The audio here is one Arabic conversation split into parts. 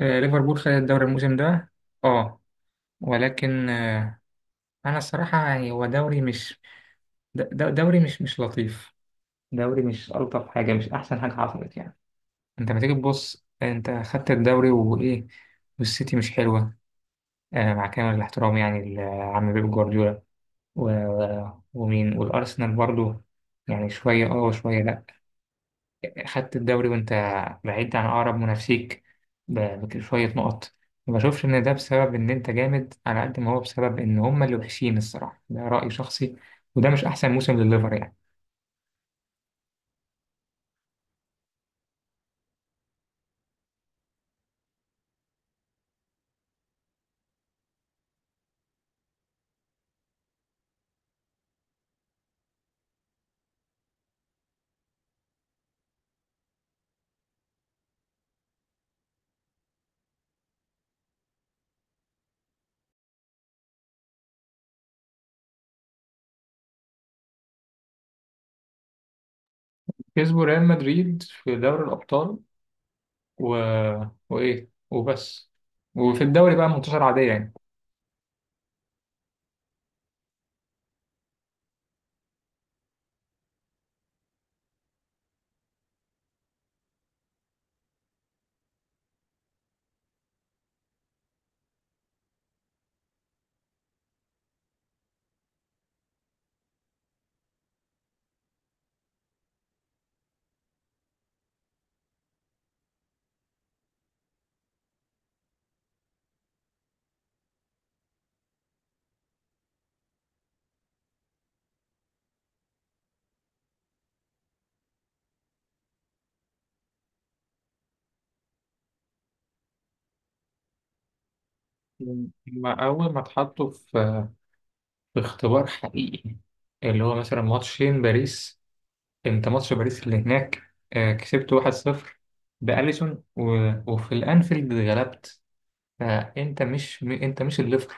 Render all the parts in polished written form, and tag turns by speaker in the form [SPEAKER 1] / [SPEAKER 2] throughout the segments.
[SPEAKER 1] ليفربول خد الدوري الموسم ده. اه. ولكن انا الصراحه يعني هو دوري مش دوري مش لطيف. دوري مش الطف حاجه، مش احسن حاجه حصلت يعني. انت لما تيجي تبص، انت خدت الدوري وايه؟ والسيتي مش حلوه. مع كامل الاحترام يعني لعم بيب جوارديولا ومين، والارسنال برضو. يعني شويه اه وشويه لا. خدت الدوري وانت بعيد عن اقرب منافسيك بشويه نقط. ما بشوفش ان ده بسبب ان انت جامد على قد ما هو بسبب ان هما اللي وحشين، الصراحه ده راي شخصي. وده مش احسن موسم لليفر يعني. كسبوا ريال مدريد في دوري الابطال و... وايه وبس. وفي الدوري بقى منتصر عاديه يعني. ما أول ما اتحطوا في اختبار حقيقي، اللي هو مثلا ماتشين باريس. انت ماتش باريس اللي هناك، كسبت 1-0 بأليسون، وفي الانفيلد غلبت. فانت مش م- انت مش الليفر.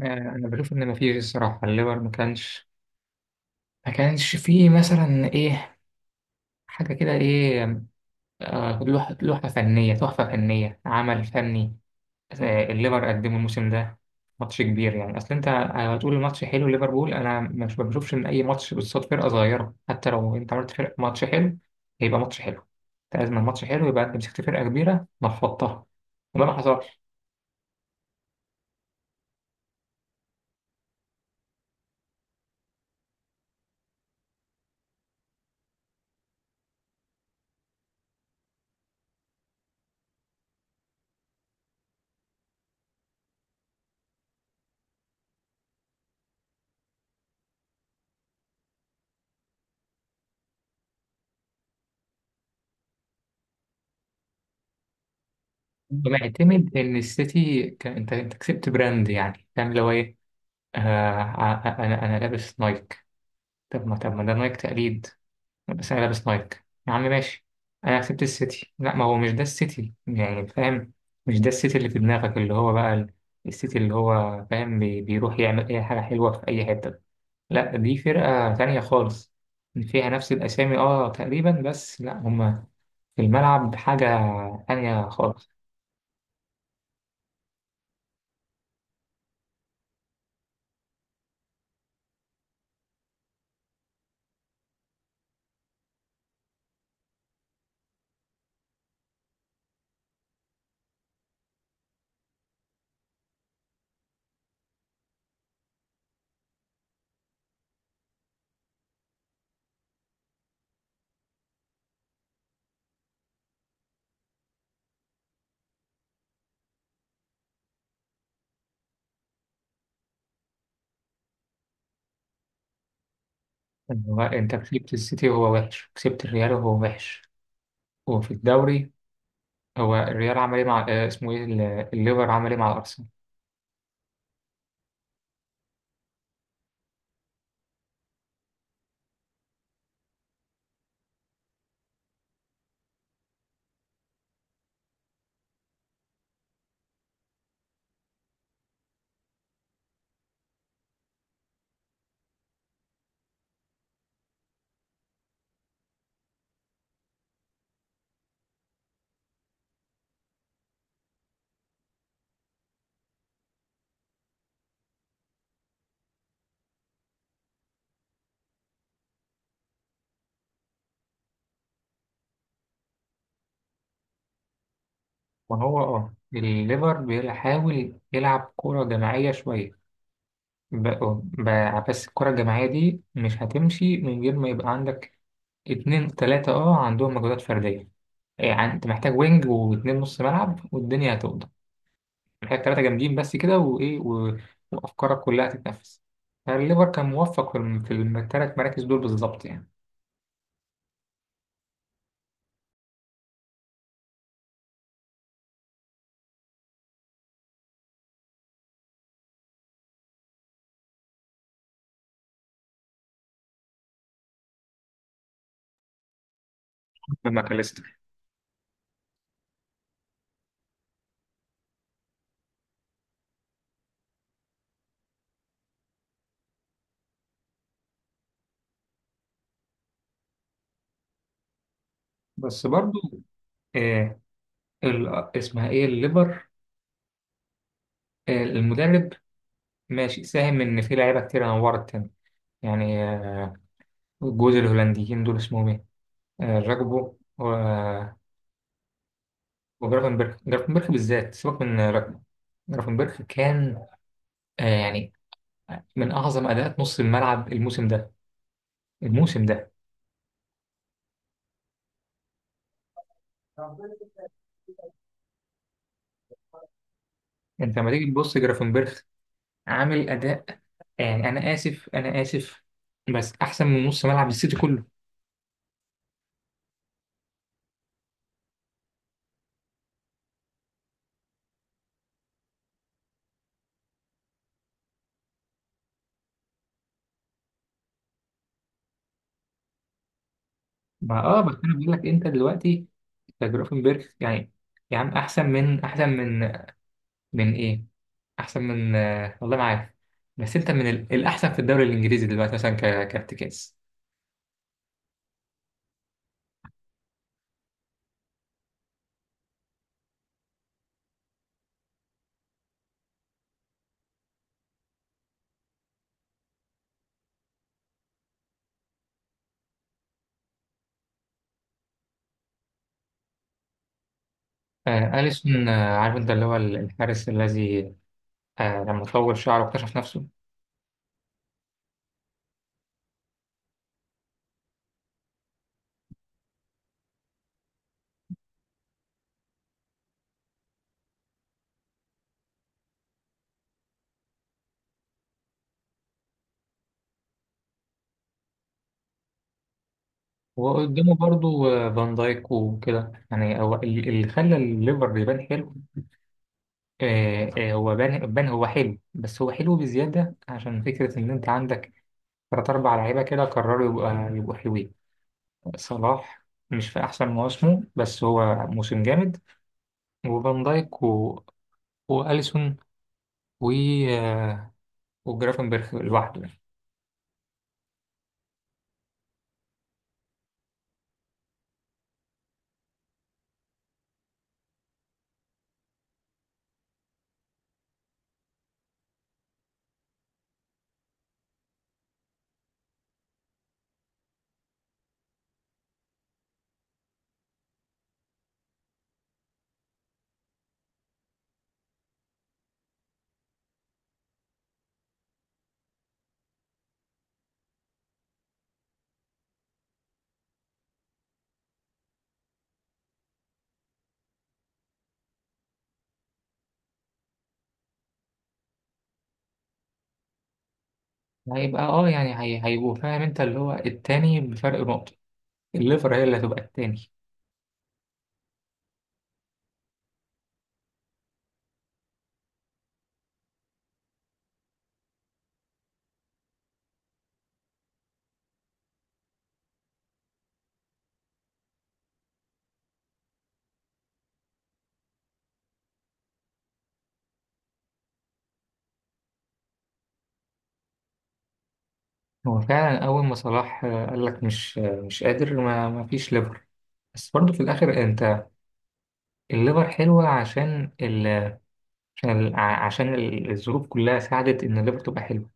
[SPEAKER 1] انا بشوف ان مفيش الصراحه الليفر ما كانش فيه مثلا ايه، حاجه كده، ايه، لوحه فنيه، تحفه فنيه، عمل فني، الليفر قدمه الموسم ده. ماتش كبير يعني، اصل انت هتقول الماتش حلو ليفربول. انا مش ما بشوفش ان اي ماتش قصاد فرقه صغيره، حتى لو انت عملت فرق ماتش حلو، هيبقى ماتش حلو. انت لازم الماتش حلو يبقى انت مسكت فرقه كبيره نفضتها. وده ما حصلش. فمعتمد ان السيتي انت كسبت براند، يعني فاهم اللي هو ايه؟ انا لابس نايك. طب ما ده نايك تقليد. بس انا لابس نايك يا عم ماشي. انا كسبت السيتي. لا، ما هو مش ده السيتي يعني فاهم. مش ده السيتي اللي في دماغك، اللي هو بقى السيتي، اللي هو فاهم بيروح يعمل اي حاجه حلوه في اي حته. لا، دي فرقه تانية خالص، فيها نفس الاسامي اه تقريبا، بس لا هما في الملعب حاجه تانية خالص. هو انت كسبت السيتي وهو وحش، كسبت الريال وهو وحش، وفي الدوري هو الريال عمل ايه مع اسمه ايه الليفر عمل ايه مع الارسنال؟ ما هو اه الليفر بيحاول يلعب كرة جماعية شوية، ب... ب... بس الكرة الجماعية دي مش هتمشي من غير ما يبقى عندك 2 3 اه عندهم مجهودات فردية. يعني انت محتاج وينج واتنين نص ملعب والدنيا هتقضى. محتاج 3 جامدين بس كده وايه وافكارك كلها تتنفس. فالليفر كان موفق في ال3 مراكز دول بالظبط يعني. بماكاليستر بس برضو. آه ال... اسمها ايه الليفر، المدرب ماشي، ساهم ان في لعيبه كتير نورت تاني يعني. الجوز الهولنديين دول اسمهم ايه؟ راجبو وجرافنبرخ. جرافنبرخ بالذات، سيبك من راجبو. جرافنبرخ كان يعني من اعظم اداءات نص الملعب الموسم ده، الموسم ده. انت لما تيجي تبص جرافنبرخ عامل اداء، يعني انا اسف انا اسف، بس احسن من نص ملعب السيتي كله. ما بس انا بقول لك انت دلوقتي، أنت جرافنبرخ يعني احسن من من ايه، احسن من والله ما عارف. بس انت من الاحسن في الدوري الانجليزي دلوقتي مثلا كارتكاز. اليسون، عارف انت اللي هو الحارس الذي لما طول شعره واكتشف نفسه. وقدامه برضو فان دايك وكده، يعني هو اللي خلى الليفر يبان حلو. هو بان، هو حلو، بس هو حلو بزياده عشان فكره ان انت عندك 3 4 لعيبه كده قرروا يبقى يبقوا حلوين. صلاح مش في احسن مواسمه بس هو موسم جامد. وفان دايك، واليسون، و وجرافنبرخ لوحده. يعني هيبقى يعني هيبقوا فاهم انت اللي هو التاني بفرق نقطة. الليفر هي اللي هتبقى التاني. هو فعلا أول ما صلاح قال لك مش قادر، ما فيش ليفر. بس برضه في الآخر، أنت الليفر حلوة، عشان الظروف كلها ساعدت إن الليفر تبقى حلوة.